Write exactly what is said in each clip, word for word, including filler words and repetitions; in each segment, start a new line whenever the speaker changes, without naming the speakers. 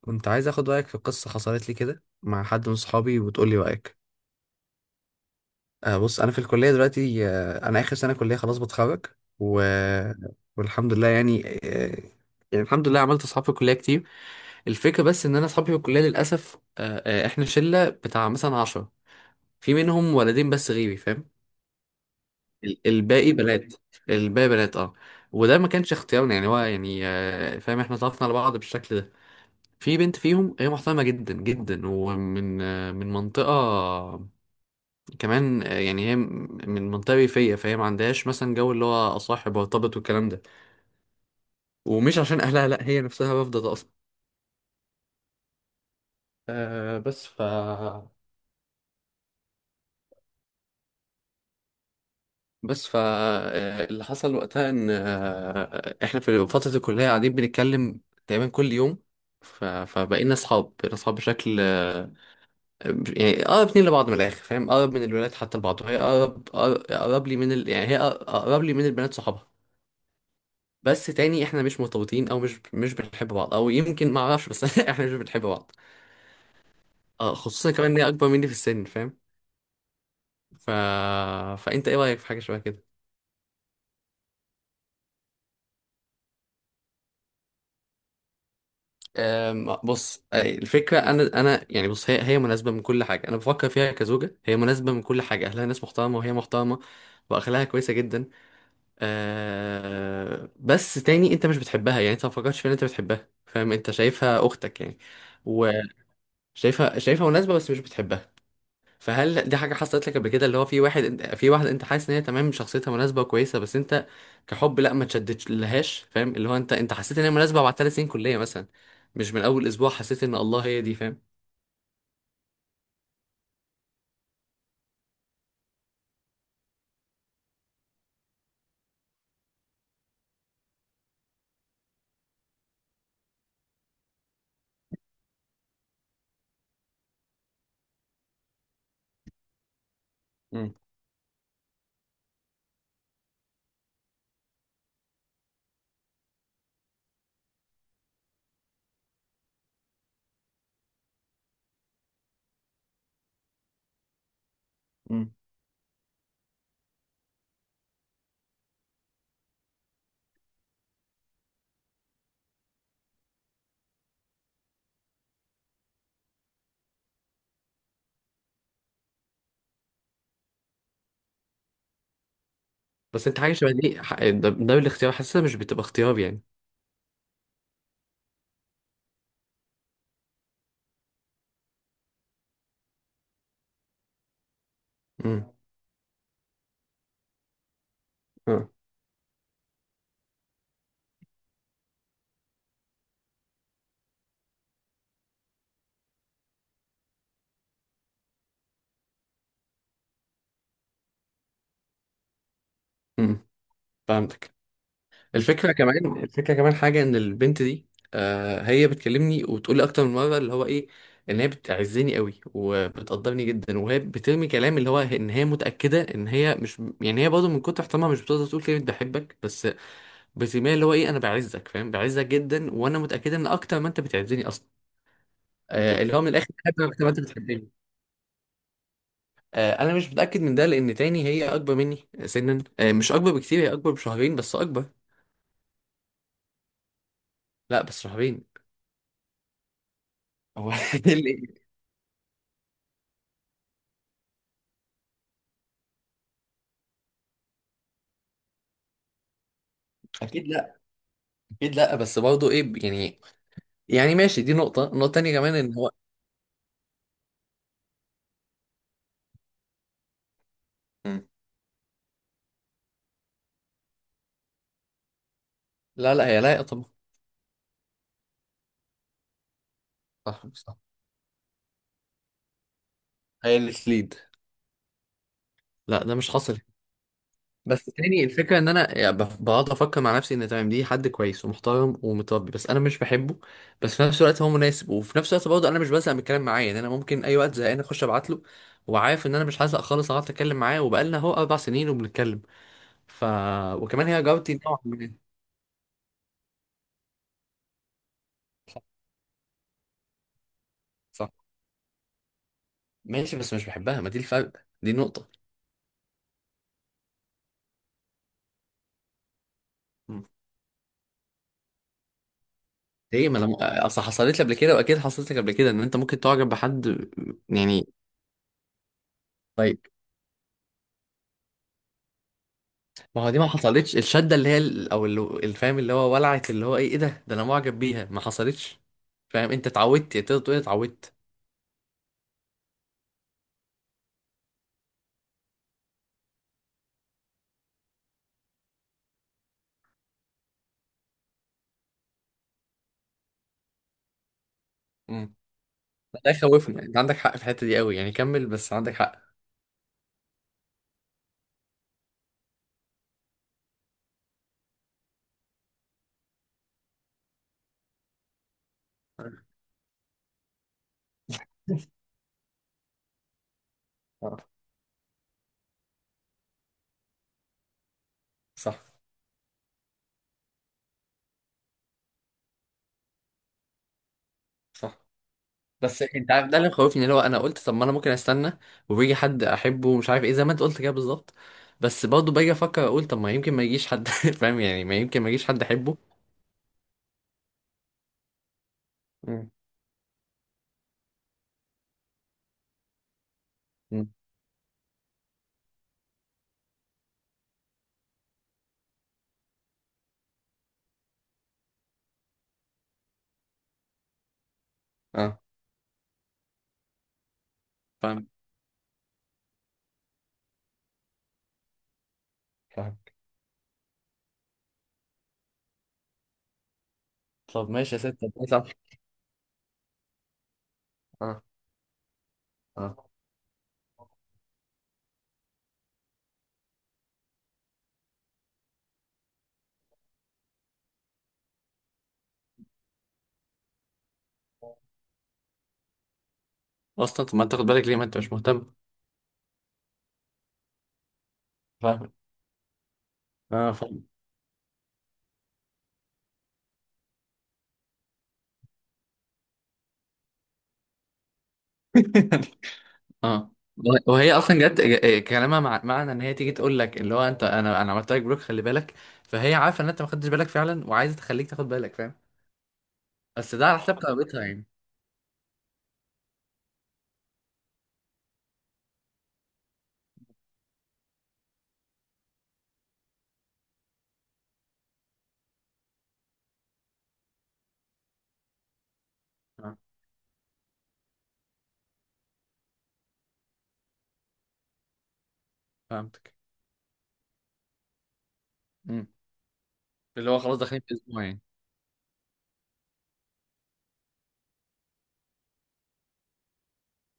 كنت عايز اخد رايك في قصه حصلت لي كده مع حد من صحابي وتقول لي رايك. آه بص انا في الكليه دلوقتي، آه انا اخر سنه كليه خلاص بتخرج و... والحمد لله يعني آه يعني الحمد لله عملت اصحاب في الكليه كتير. الفكره بس ان انا اصحابي في الكليه للاسف، آه آه احنا شله بتاع مثلا عشرة، في منهم ولدين بس غيري فاهم. ال- الباقي بنات. الباقي بنات اه وده ما كانش اختيارنا، يعني هو يعني آه فاهم، احنا اتعرفنا على بعض بالشكل ده. في بنت فيهم هي محترمة جدا جدا، ومن آه، من منطقة كمان، آه، يعني هي من منطقة ريفية، فهي ما عندهاش مثلا جو اللي هو أصاحب وارتبط والكلام ده. ومش عشان أهلها، لأ هي نفسها رافضة ده أصلا. آه بس ف بس ف آه، اللي حصل وقتها إن آه، إحنا في فترة الكلية قاعدين بنتكلم تقريبا كل يوم. ف... فبقينا أصحاب، بقينا أصحاب بشكل يعني اقرب اتنين لبعض من الاخر فاهم، اقرب من الولاد حتى لبعض، وهي اقرب أقر- اقرب لي من ال... يعني هي أقر- اقرب لي من البنات صحابها. بس تاني احنا مش مرتبطين، او مش مش بنحب بعض، او يمكن ما اعرفش بس احنا مش بنحب بعض. اه خصوصا كمان ان هي اكبر مني في السن فاهم. ف... فانت ايه رايك في حاجه شبه كده؟ أم، بص، آه، الفكره انا انا يعني بص، هي هي مناسبه من كل حاجه انا بفكر فيها كزوجه، هي مناسبه من كل حاجه، اهلها ناس محترمه وهي محترمه واخلاقها كويسه جدا. آه بس تاني انت مش بتحبها، يعني انت ما فكرتش في ان انت بتحبها فاهم، انت شايفها اختك يعني. وشايفها، شايفها مناسبه بس مش بتحبها. فهل دي حاجه حصلت لك قبل كده، اللي هو في واحد، انت في واحد انت حاسس ان هي تمام، شخصيتها مناسبه وكويسه بس انت كحب لا، ما تشدتش لهاش فاهم، اللي هو انت انت حسيت ان هي مناسبه بعد ثلاث سنين كليه مثلا، مش من اول اسبوع حسيت ان الله هي دي فاهم. مم. مم. بس انت حاجه شبه دي ح- ده, ده بالاختيار حاسسها مش بتبقى اختيار يعني. امم. اه. امم. فهمتك. الفكرة كمان، الفكرة كمان حاجة ان البنت دي آه هي بتكلمني وبتقول لي اكتر من مرة، اللي هو ايه ان هي بتعزني قوي وبتقدرني جدا، وهي بترمي كلام اللي هو ان هي متأكدة ان هي مش يعني، هي برضه من كتر احترامها مش بتقدر تقول كلمة بحبك، بس بترميها اللي هو ايه، انا بعزك فاهم، بعزك جدا، وانا متأكدة ان اكتر ما انت بتعزني اصلا. آه اللي هو من الاخر بحبك اكتر ما انت بتحبني. آه انا مش متأكد من ده، لان تاني هي اكبر مني سنا، آه مش اكبر بكتير، هي اكبر بشهرين بس اكبر. لا بس شهرين. هو إيه اللي- اكيد لا. اكيد لا بس برضه ايه يعني، يعني ماشي دي نقطة. النقطة التانية كمان ان هو. مم. لا لا، هي لايقة طبعا. صح صح. هي اللي تليد. لا ده مش حاصل. بس تاني الفكرة ان انا يعني ب- بقعد افكر مع نفسي ان تمام، دي حد كويس ومحترم ومتربي بس انا مش بحبه. بس في نفس الوقت هو مناسب، وفي نفس الوقت برضه انا مش بزهق من الكلام معاه، يعني انا ممكن اي وقت زهقان اخش ابعت له، وعارف ان انا مش هزهق خالص، اقعد اتكلم معاه وبقالنا اهو اربع سنين وبنتكلم. ف وكمان هي جارتي نوعا ما. صح صح. ماشي بس مش بحبها، ما دي الفرق، دي النقطة. ليه، ما انا اصل حصلت لي قبل كده، واكيد حصلت لك قبل كده ان انت ممكن تعجب بحد، يعني. طيب. ما هو دي ما حصلتش الشده اللي هي ال- او ال- الفهم اللي هو ولعت اللي هو ايه، ايه ده، ده انا معجب بيها، ما حصلتش. فاهم انت اتعودت تقدر تقول اتعودت. امم. ده خوفنا، انت عندك حق في الحته دي قوي يعني، كمل بس عندك حق. آه، صح صح. بس انت عارف ده اللي مخوفني، اللي هو انا قلت طب ما انا ممكن استنى وبيجي حد احبه ومش عارف ايه، زي ما انت قلت كده بالظبط. بس برضه باجي افكر اقول طب ما يمكن ما يجيش حد فاهم يعني، ما يمكن ما يجيش حد احبه. مم. مم. اه فاهم. فاهم. طب ماشي يا ست. طب ماشي. اه. اه. اصلا طب ما انت تاخد بالك ليه، ما انت مش مهتم. فاهم. اه فاهم. اه. وه- وهي اصلا جت ج- كلامها مع... معنى ان هي تيجي تقول لك اللي هو انت، انا انا عملت لك بلوك خلي بالك. فهي عارفه ان انت ما خدتش بالك فعلا، وعايزه تخليك تاخد بالك فاهم. بس ده على حساب كرامتها يعني. آه، فهمتك. مم. اللي هو خلاص داخلين في اسبوع يعني.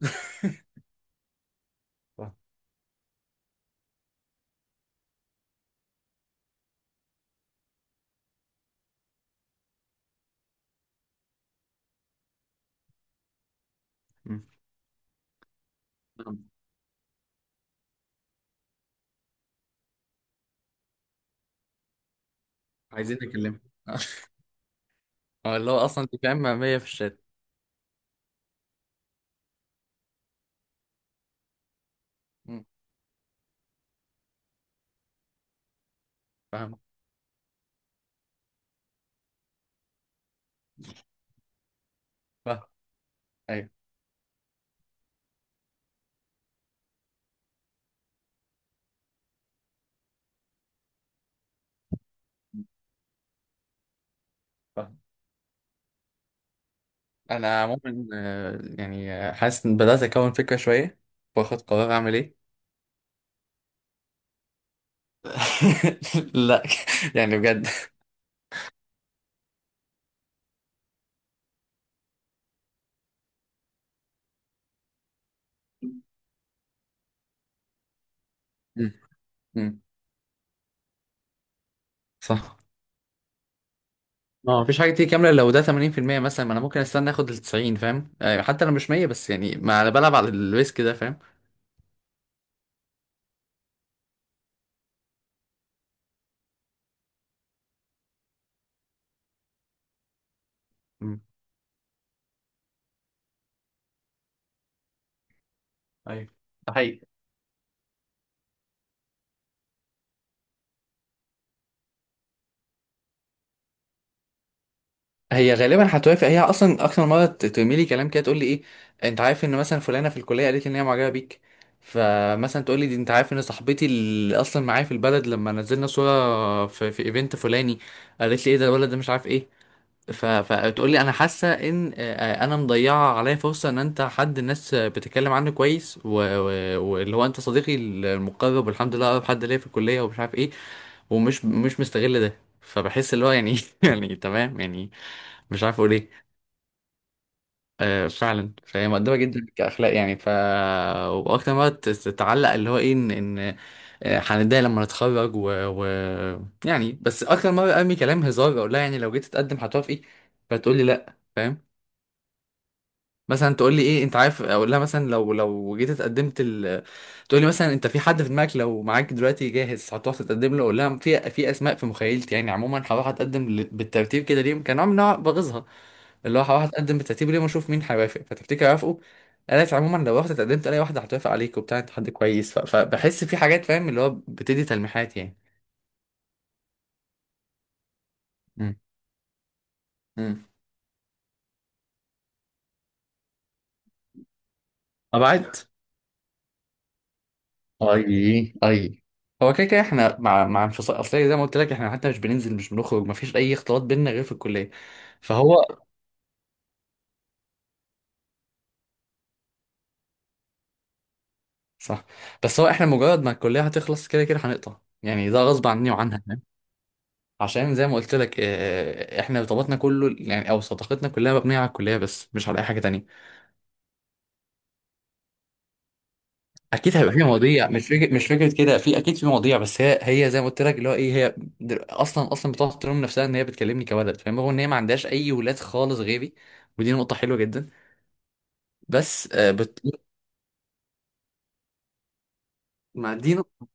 فاهم. مم. فهمت. عايزين نكلمه. اه اللي هو اصلا انت فاهم، مية في الشات. مم. فاهم. فاهم. ايوه فاهم. انا عموما، آه، يعني آه، حاسس ان بدات اكون فكره شويه، واخد قرار اعمل ايه. لا، يعني بجد. مم. مم. صح. ما هو مفيش حاجه تيجي كامله، لو ده ثمانين في المئة مثلا، ما انا ممكن استنى اخد ال تسعين فاهم، آه، حتى لو مش مية بس يعني، ما انا بلعب على الريسك ده فاهم. مم. ايوه، ده حقيقي. هي غالبا هتوافق، هي اصلا اكتر مره ت- ترمي لي كلام كده تقول لي ايه، انت عارف ان مثلا فلانه في الكليه قالت لي ان هي معجبه بيك. فمثلا تقول لي دي انت عارف ان صاحبتي اللي اصلا معايا في البلد، لما نزلنا صوره في, في ايفنت فلاني قالت لي ايه ده الولد ده، مش عارف ايه. ف... فتقول لي انا حاسه ان آه، انا مضيعه عليا فرصه ان انت حد الناس بتتكلم عنه كويس، و- و- واللي هو انت صديقي المقرب والحمد لله اقرب حد ليا في الكليه ومش عارف ايه، ومش مش مستغل ده، فبحس اللي هو يعني يعني تمام يعني، مش عارف اقول ايه. آه فعلا، فهي مقدمه جدا كاخلاق يعني. ف واكتر ما تت- تتعلق اللي هو ايه ان ان، آه، هنتضايق لما نتخرج و... و... يعني. بس اكتر مره ارمي كلام هزار، اقول لها يعني لو جيت تتقدم هتوافقي، فتقول لي لا فاهم. مثلا تقول لي ايه، انت عارف اقول لها مثلا لو لو جيت اتقدمت ال... تقول لي مثلا انت في حد في دماغك، لو معاك دلوقتي جاهز هتروح تتقدم له، اقول لها في، في اسماء في مخيلتي يعني، عموما هروح اتقدم ل... بالترتيب كده ليه، كان نوع من أنواع بغيظها، اللي هو هروح اتقدم بالترتيب ليه واشوف مين هيوافق، فتفتكر هيوافقوا. قالت عموما لو رحت اتقدمت الاقي واحده هتوافق عليك وبتاع، انت حد كويس. ف... فبحس في حاجات فاهم، اللي هو بتدي تلميحات يعني. مم. مم. ابعد. اي اي. هو كده كده احنا مع مع انفصال اصل، زي ما قلت لك احنا حتى مش بننزل مش بنخرج، ما فيش اي اختلاط بيننا غير في الكليه. فهو. صح. بس هو احنا مجرد ما الكليه هتخلص كده كده هنقطع، يعني ده غصب عني وعنها فاهم. عشان زي ما قلت لك، اه احنا ارتباطنا كله يعني، او صداقتنا كلها مبنيه على الكليه بس، مش على اي حاجه تانية. اكيد هيبقى في مواضيع، مش فكره، مش فكره كده في، اكيد في مواضيع، بس هي، هي زي ما قلت لك اللي هو ايه، هي دل- اصلا اصلا بتقعد تلوم نفسها ان هي بتكلمني كولد فاهم، هو ان هي ما عندهاش اي ولاد خالص غيري، ودي نقطه حلوه جدا بس آه، بت... ما دي نق-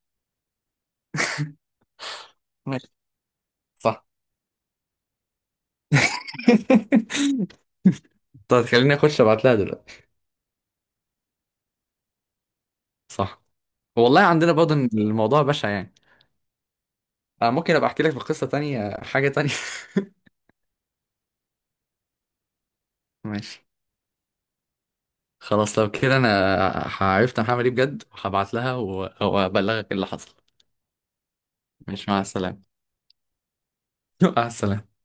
ماشي. صح. طب خليني اخش ابعت لها دلوقتي. صح. والله عندنا برضه إن الموضوع بشع يعني. انا ممكن ابقى احكي لك في قصة تانية، حاجة تانية. ماشي. خلاص لو كده انا عرفت انا هعمل ايه بجد، هبعت لها و- وابلغك اللي حصل. ماشي مع السلامة. مع السلامة.